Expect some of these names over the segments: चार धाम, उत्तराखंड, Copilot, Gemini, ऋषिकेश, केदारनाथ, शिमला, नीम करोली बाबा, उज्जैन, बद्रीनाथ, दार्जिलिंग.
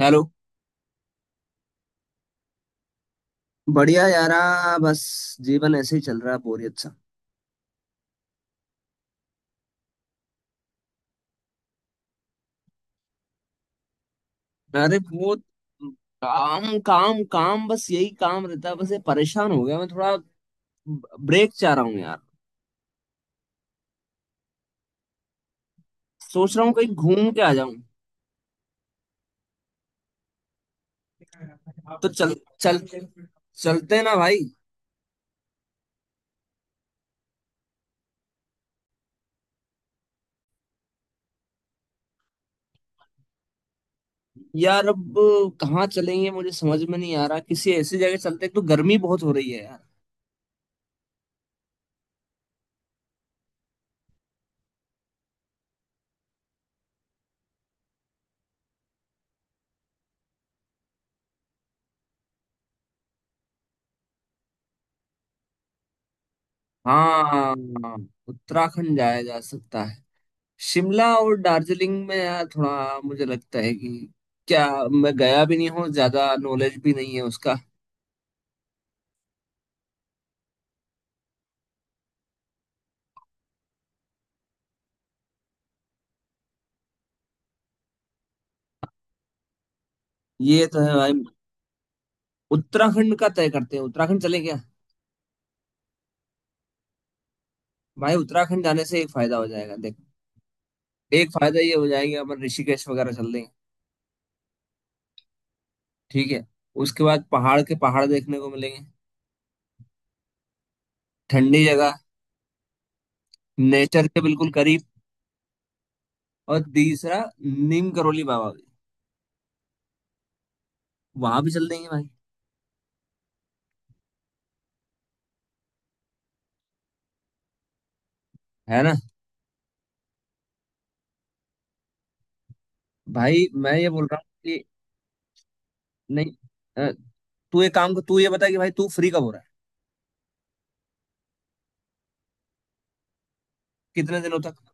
Hello. बढ़िया यारा। बस जीवन ऐसे ही चल रहा है, बोरियत सा। अरे वो काम काम काम, बस यही काम रहता है। बस ये परेशान हो गया, मैं थोड़ा ब्रेक चाह रहा हूँ यार। सोच रहा हूँ कहीं घूम के आ जाऊं। तो चल चल चलते हैं ना भाई। यार अब कहाँ चलेंगे मुझे समझ में नहीं आ रहा। किसी ऐसी जगह चलते हैं, एक तो गर्मी बहुत हो रही है यार। हाँ। उत्तराखंड जाया जा सकता। शिमला और दार्जिलिंग में यार थोड़ा मुझे लगता है कि क्या, मैं गया भी नहीं हूँ, ज्यादा नॉलेज भी नहीं है उसका। ये तो है भाई। उत्तराखंड का तय करते हैं, उत्तराखंड चले क्या? भाई उत्तराखंड जाने से एक फायदा हो जाएगा, देख। एक फायदा ये हो जाएगा, अपन ऋषिकेश वगैरह चल देंगे। ठीक है। उसके बाद पहाड़ के पहाड़ देखने को मिलेंगे। ठंडी जगह। नेचर के बिल्कुल करीब। और तीसरा, नीम करोली बाबा भी, वहां भी चल देंगे भाई। है ना। भाई मैं ये बोल रहा हूँ कि नहीं, तू एक काम कर। तू ये बता कि भाई तू फ्री कब हो रहा है। कितने दिनों तक?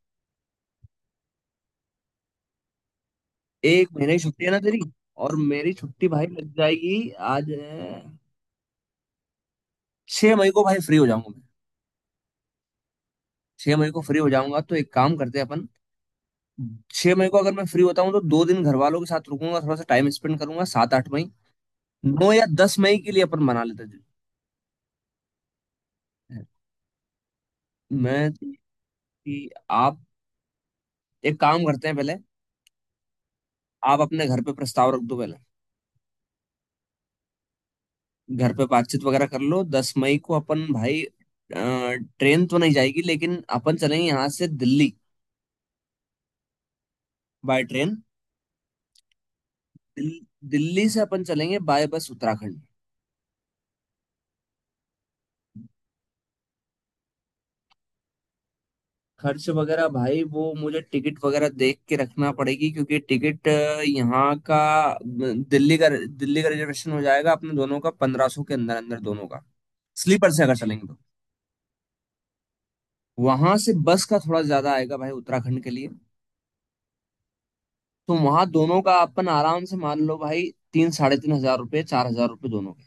1 महीने की छुट्टी है ना तेरी। और मेरी छुट्टी भाई लग जाएगी, आज है। 6 मई को भाई फ्री हो जाऊंगा मैं। 6 मई को फ्री हो जाऊंगा तो एक काम करते हैं अपन। 6 मई को अगर मैं फ्री होता हूँ तो 2 दिन घर वालों के साथ रुकूंगा, थोड़ा सा टाइम स्पेंड करूंगा। 7, 8 मई। 9 या 10 मई के लिए अपन मना लेते हैं। मैं कि आप एक काम करते हैं पहले। आप अपने घर पे प्रस्ताव रख दो पहले। घर पे बातचीत वगैरह कर लो। 10 मई को अपन भाई ट्रेन तो नहीं जाएगी, लेकिन अपन चलेंगे यहाँ से दिल्ली बाय ट्रेन। दिल्ली से अपन चलेंगे बाय बस उत्तराखंड। खर्च वगैरह भाई वो मुझे टिकट वगैरह देख के रखना पड़ेगी, क्योंकि टिकट यहाँ का दिल्ली का रिजर्वेशन हो जाएगा अपने दोनों का, 1500 के अंदर अंदर दोनों का। स्लीपर से अगर चलेंगे तो। वहां से बस का थोड़ा ज्यादा आएगा भाई उत्तराखंड के लिए। तो वहां दोनों का अपन आराम से मान लो भाई, तीन साढ़े तीन हजार रुपये, 4000 रुपये दोनों के।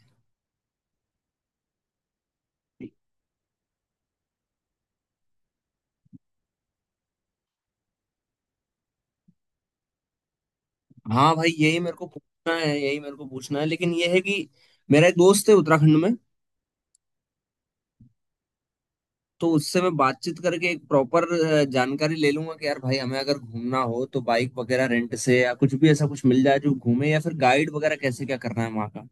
हाँ भाई, यही मेरे को पूछना है, यही मेरे को पूछना है, लेकिन यह है कि मेरा एक दोस्त है उत्तराखंड में। तो उससे मैं बातचीत करके एक प्रॉपर जानकारी ले लूंगा कि यार भाई हमें अगर घूमना हो तो बाइक वगैरह रेंट से या कुछ भी ऐसा कुछ मिल जाए जो घूमे, या फिर गाइड वगैरह कैसे, क्या करना है वहाँ का।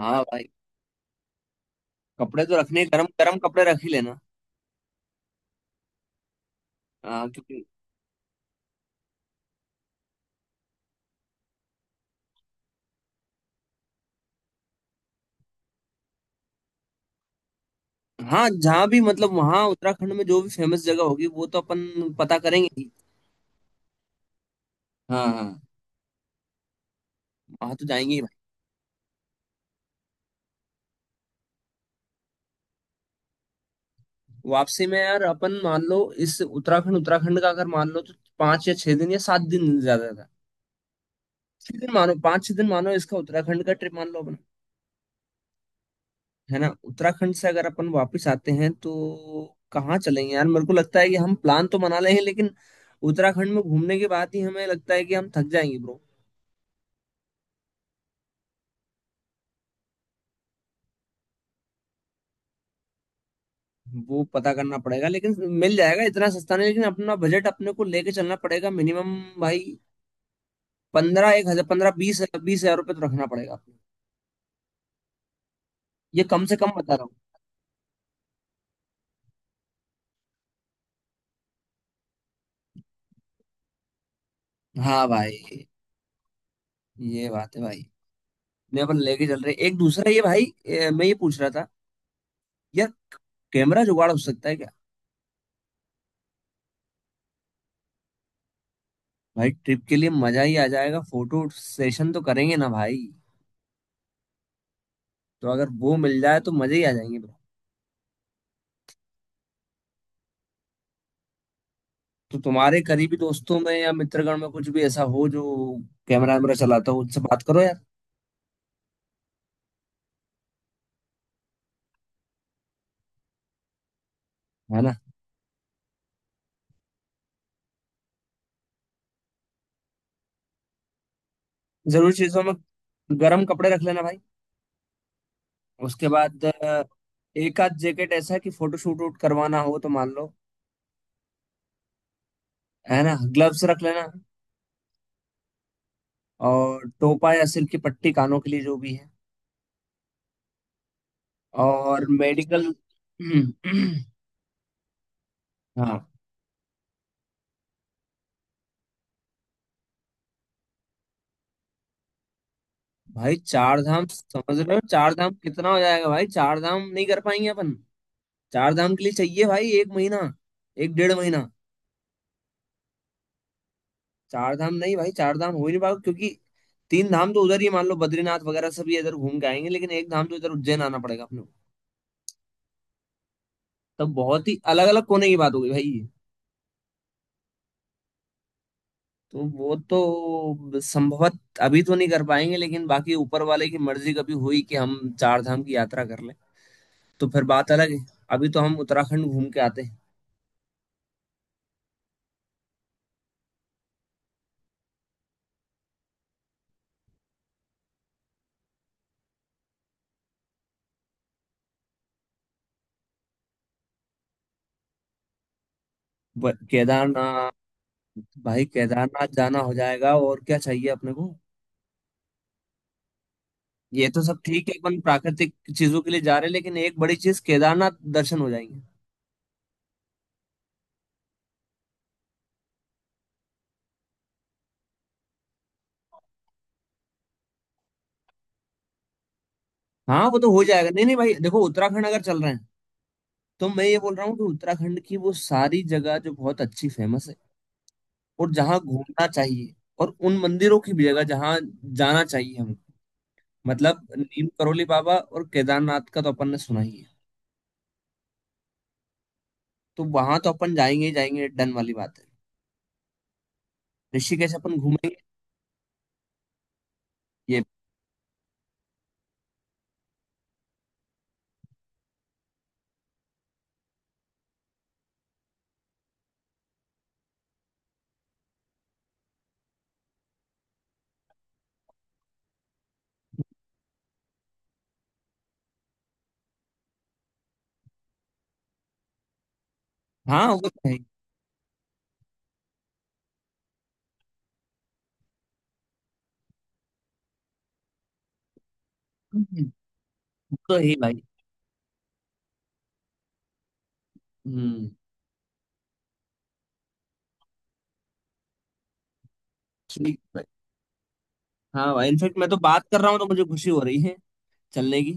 हाँ भाई, कपड़े तो रखने गर्म गर्म कपड़े रख ही लेना। हाँ क्योंकि। हाँ जहाँ भी मतलब वहाँ उत्तराखंड में जो भी फेमस जगह होगी वो तो अपन पता करेंगे ही। हाँ हाँ। हाँ, तो जाएंगे ही भाई। वापसी में यार अपन मान लो, इस उत्तराखंड उत्तराखंड का अगर मान लो तो 5 या 6 दिन या 7 दिन ज्यादा था। 6 दिन मानो, 5-6 दिन मानो, इसका उत्तराखंड का ट्रिप मान लो अपन। है ना? उत्तराखंड से अगर अपन वापस आते हैं तो कहाँ चलेंगे यार? मेरे को लगता है कि हम प्लान तो बना लें, लेकिन उत्तराखंड में घूमने के बाद ही हमें लगता है कि हम थक जाएंगे ब्रो। वो पता करना पड़ेगा, लेकिन मिल जाएगा। इतना सस्ता नहीं, लेकिन अपना बजट अपने को लेके चलना पड़ेगा। मिनिमम भाई पंद्रह, एक हजार पंद्रह, बीस, 20000 रुपये तो रखना पड़ेगा अपने। ये कम से कम बता रहा हूँ। हाँ भाई। ये बात है भाई। मैं अपन लेके चल रहे हैं। एक दूसरा ये भाई, मैं ये पूछ रहा था यार, कैमरा जुगाड़ हो सकता है क्या? भाई ट्रिप के लिए मजा ही आ जाएगा, फोटो सेशन तो करेंगे ना भाई। तो अगर वो मिल जाए तो मजे ही आ जाएंगे bro। तो तुम्हारे करीबी दोस्तों में या मित्रगण में कुछ भी ऐसा हो जो कैमरा वैमरा चलाता हो, उनसे बात करो यार। है ना। जरूरी चीजों में गर्म कपड़े रख लेना भाई। उसके बाद एक आध जैकेट ऐसा कि फोटो शूट वूट करवाना हो, तो मान लो। है ना, ग्लव्स रख लेना। और टोपा या सिर की पट्टी, कानों के लिए, जो भी है। और मेडिकल। हम्म। हाँ भाई, चार धाम समझ रहे हो? चार धाम कितना हो जाएगा भाई, चार धाम नहीं कर पाएंगे अपन। चार धाम के लिए चाहिए भाई 1 महीना, एक डेढ़ महीना। चार धाम नहीं भाई, चार धाम हो ही नहीं पाएगा, क्योंकि 3 धाम तो उधर ही मान लो, बद्रीनाथ वगैरह सब ये इधर घूम के आएंगे, लेकिन 1 धाम तो इधर उज्जैन आना पड़ेगा अपने को। तब बहुत ही अलग अलग कोने की बात हो गई भाई। तो वो तो संभवत अभी तो नहीं कर पाएंगे, लेकिन बाकी ऊपर वाले की मर्जी कभी हुई कि हम चार धाम की यात्रा कर लें, तो फिर बात अलग है। अभी तो हम उत्तराखंड घूम के आते हैं। केदारनाथ। भाई केदारनाथ जाना हो जाएगा, और क्या चाहिए अपने को। ये तो सब ठीक है, अपन प्राकृतिक चीजों के लिए जा रहे हैं, लेकिन एक बड़ी चीज, केदारनाथ दर्शन हो जाएंगे। हाँ वो तो हो जाएगा। नहीं नहीं भाई देखो, उत्तराखंड अगर चल रहे हैं तो मैं ये बोल रहा हूँ कि उत्तराखंड की वो सारी जगह जो बहुत अच्छी फेमस है और जहाँ घूमना चाहिए, और उन मंदिरों की भी जगह जहाँ जाना चाहिए हमको। मतलब नीम करोली बाबा और केदारनाथ का तो अपन ने सुना ही है। तो वहां तो अपन जाएंगे ही जाएंगे, डन वाली बात है। ऋषिकेश अपन घूमेंगे। ये। हाँ वो तो है ही। हम्म। वो तो है ही भाई। हम्म। ठीक है भाई। हाँ भाई इनफेक्ट मैं तो बात कर रहा हूँ तो मुझे खुशी हो रही है चलने की।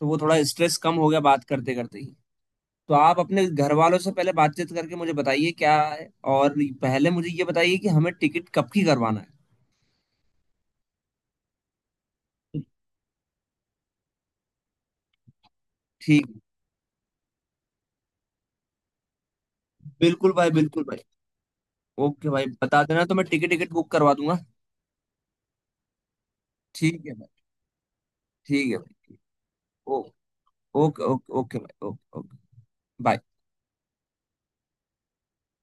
तो वो थोड़ा स्ट्रेस कम हो गया बात करते करते ही। तो आप अपने घर वालों से पहले बातचीत करके मुझे बताइए क्या है। और पहले मुझे ये बताइए कि हमें टिकट कब की करवाना है। ठीक। बिल्कुल भाई, बिल्कुल भाई। ओके भाई बता देना तो मैं टिकट टिकट बुक करवा दूंगा। ठीक है भाई। ठीक है भाई। ओ, ओके ओके ओके भाई ओके ओके। बाय।